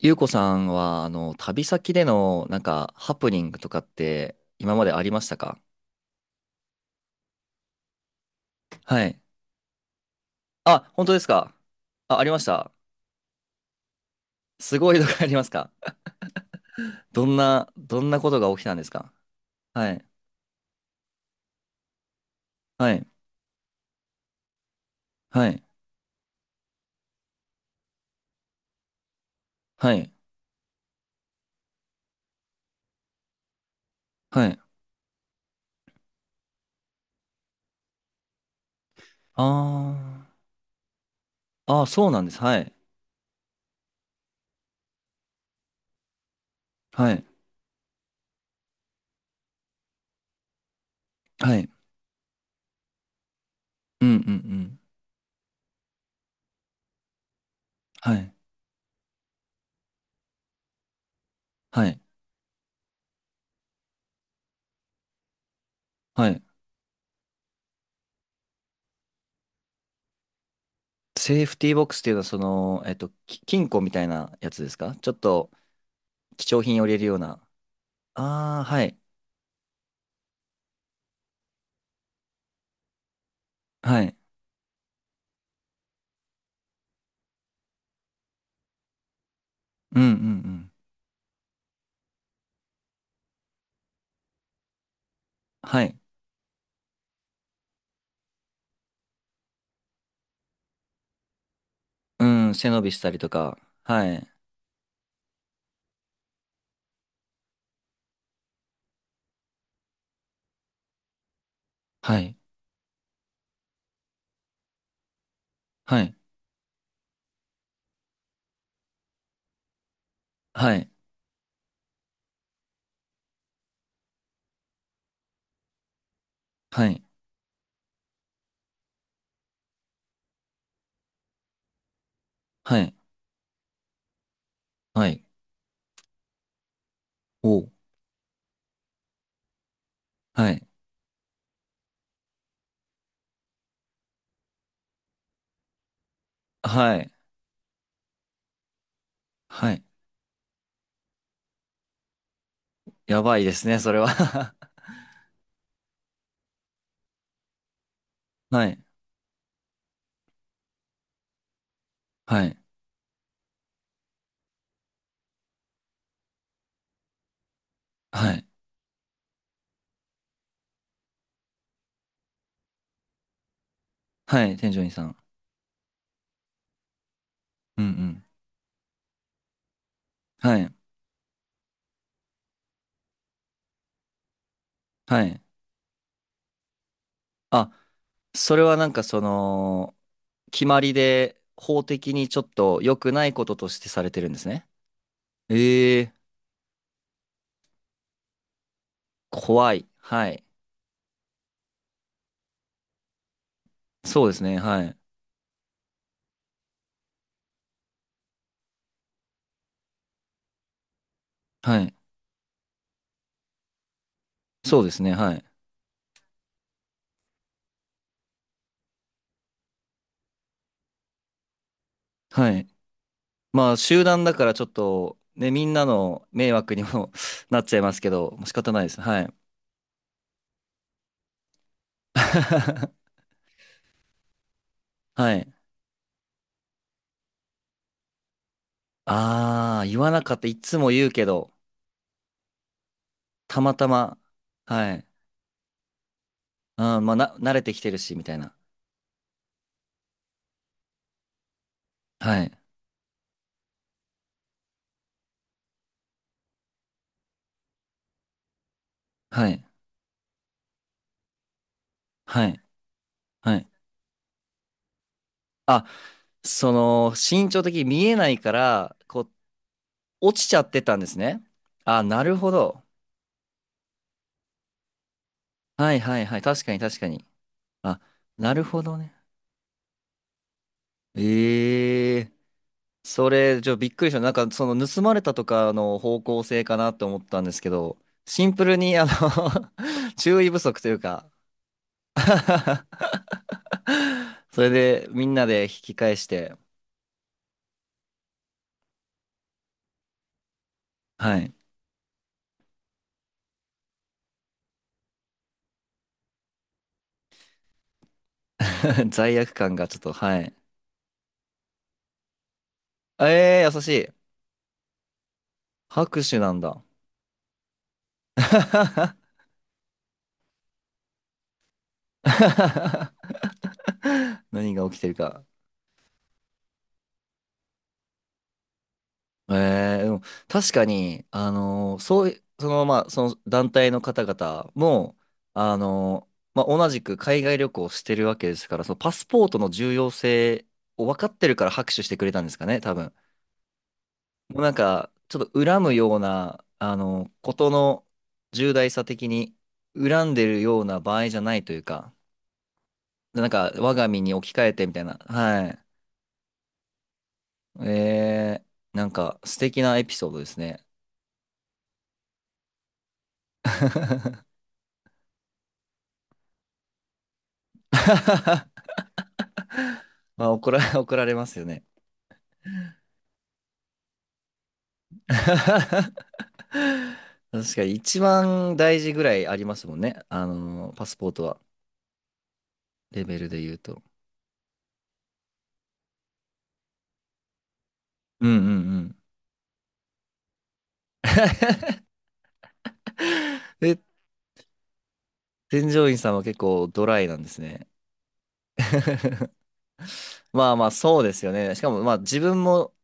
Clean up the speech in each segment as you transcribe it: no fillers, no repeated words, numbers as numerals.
ゆうこさんは、旅先での、ハプニングとかって、今までありましたか？はい。あ、本当ですか？あ、ありました。すごいのがありますか？どんなことが起きたんですか？はい。はい。はい。はい。はい。あー。あー、そうなんです。はい。はい。はい。うんうんうん。はい。はい。はい。セーフティーボックスっていうのは、金庫みたいなやつですか？ちょっと、貴重品を入れるような。あー、はい。はい。うんうんうん。はい。うん、背伸びしたりとか。はい。はい。はい。はい。はい。はい。はい。おう。はい。はい。はい。やばいですね、それは。 はい。はい。はい。はい。添乗員さん。うんうん。はい。はい。あ、それは決まりで法的にちょっと良くないこととしてされてるんですね。ええー、怖い。はい。そうですね。はい。はい。そうですね。はい。はい。まあ集団だからちょっとね、みんなの迷惑にも なっちゃいますけど、もう仕方ないです。はい。はい。ああ、言わなかった。いつも言うけど、たまたま。はい。あー、まあな、慣れてきてるし、みたいな。はい。はい。はい。はい。あ、身長的に見えないから、こう、落ちちゃってたんですね。あ、なるほど。はいはいはい。確かに確かに。あ、なるほどね。ええ、それ、びっくりした。盗まれたとかの方向性かなって思ったんですけど、シンプルに、注意不足というか。 それで、みんなで引き返して、はい。罪悪感がちょっと、はい。えー、優しい。拍手なんだ。何が起きてるか。えー、でも確かに、そうい、まあ、その団体の方々も、あのまあ、同じく海外旅行をしてるわけですから、そのパスポートの重要性を分かってるから拍手してくれたんですかね、多分。もうちょっと恨むような、ことの重大さ的に、恨んでるような場合じゃないというか、我が身に置き換えてみたいな。はい。えー、素敵なエピソードですね。まあ、怒られますよね。確かに一番大事ぐらいありますもんね。あの、パスポートは。レベルで言うと。うんうんうん。で、添乗員さんは結構ドライなんですね。まあまあ、そうですよね。しかも、まあ自分も、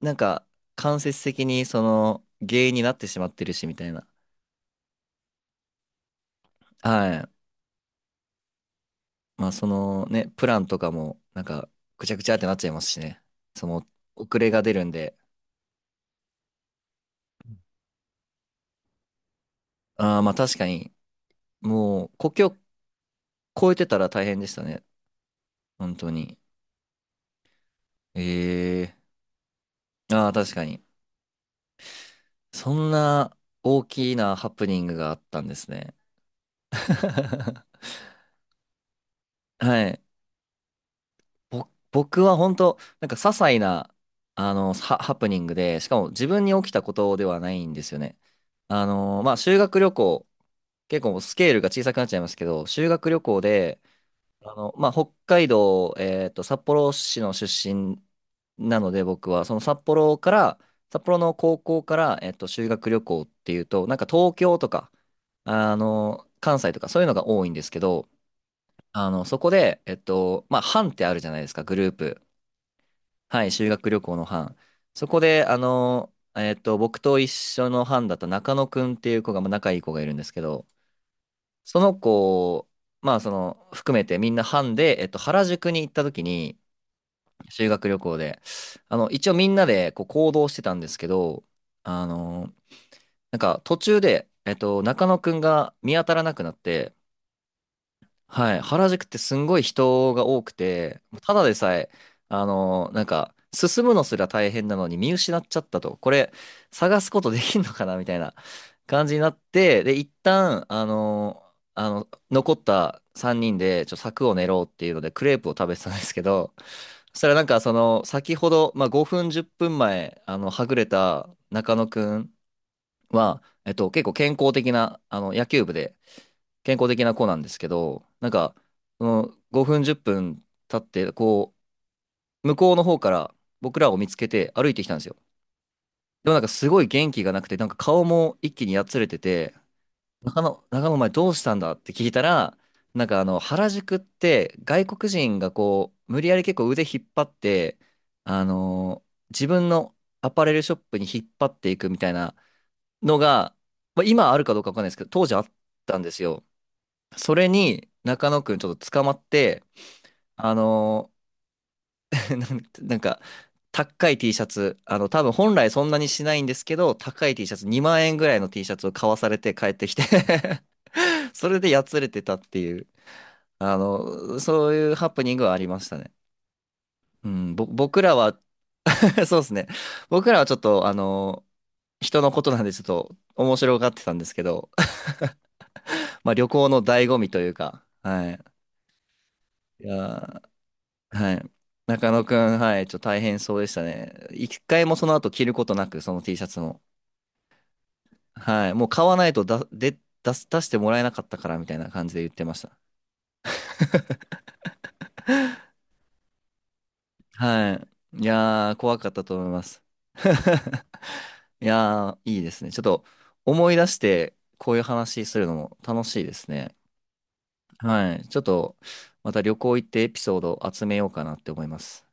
なんか、間接的にその原因になってしまってるし、みたいな。はい。まあ、プランとかも、ぐちゃぐちゃってなっちゃいますしね。その、遅れが出るんで。ああ、まあ確かに、もう、故郷超えてたら大変でしたね。本当に。ええー、ああ、確かに。そんな大きなハプニングがあったんですね。はい。僕は本当、些細な、ハプニングで、しかも自分に起きたことではないんですよね。まあ、修学旅行、結構スケールが小さくなっちゃいますけど、修学旅行で、まあ、北海道、札幌市の出身なので、僕は、その札幌から、札幌の高校から、修学旅行っていうと、東京とか、関西とか、そういうのが多いんですけど、そこで、まあ、班ってあるじゃないですか、グループ。はい、修学旅行の班。そこで、僕と一緒の班だった中野くんっていう子が、まあ仲いい子がいるんですけど、その子、まあ含めてみんな班で、原宿に行った時に、修学旅行で、一応みんなでこう行動してたんですけど、あの、途中で、中野くんが見当たらなくなって、はい、原宿ってすんごい人が多くて、ただでさえ、進むのすら大変なのに見失っちゃったと、これ、探すことできんのかなみたいな感じになって、で、一旦、残った3人で、柵を練ろうっていうので、クレープを食べてたんですけど、そしたら先ほど、まあ、5分、10分前、はぐれた中野くんは、結構健康的な、野球部で、健康的な子なんですけど、その5分、10分経って、こう、向こうの方から僕らを見つけて歩いてきたんですよ。でもすごい元気がなくて、顔も一気にやつれてて、中野、中野お前どうしたんだって聞いたら、原宿って外国人がこう、無理やり結構腕引っ張って、あのー自分のアパレルショップに引っ張っていくみたいなのが、まあ、今あるかどうかわかんないですけど、当時あったんですよ。それに中野くんちょっと捕まって、あのー なんなんか、高い T シャツ、多分本来そんなにしないんですけど、高い T シャツ、2万円ぐらいの T シャツを買わされて帰ってきて。 それでやつれてたっていう、そういうハプニングはありましたね。うん、僕らは。 そうですね。僕らはちょっと、あの人のことなんでちょっと面白がってたんですけど、まあ旅行の醍醐味というか、はい。いやー、はい。中野くん、はい、ちょっと大変そうでしたね。一回もその後着ることなく、その T シャツも。はい。もう買わないとだ、で、出してもらえなかったからみたいな感じで言ってました。はい。いやー、怖かったと思います。いやー、いいですね。ちょっと思い出して、こういう話するのも楽しいですね。はい。ちょっと、また旅行行ってエピソード集めようかなって思います。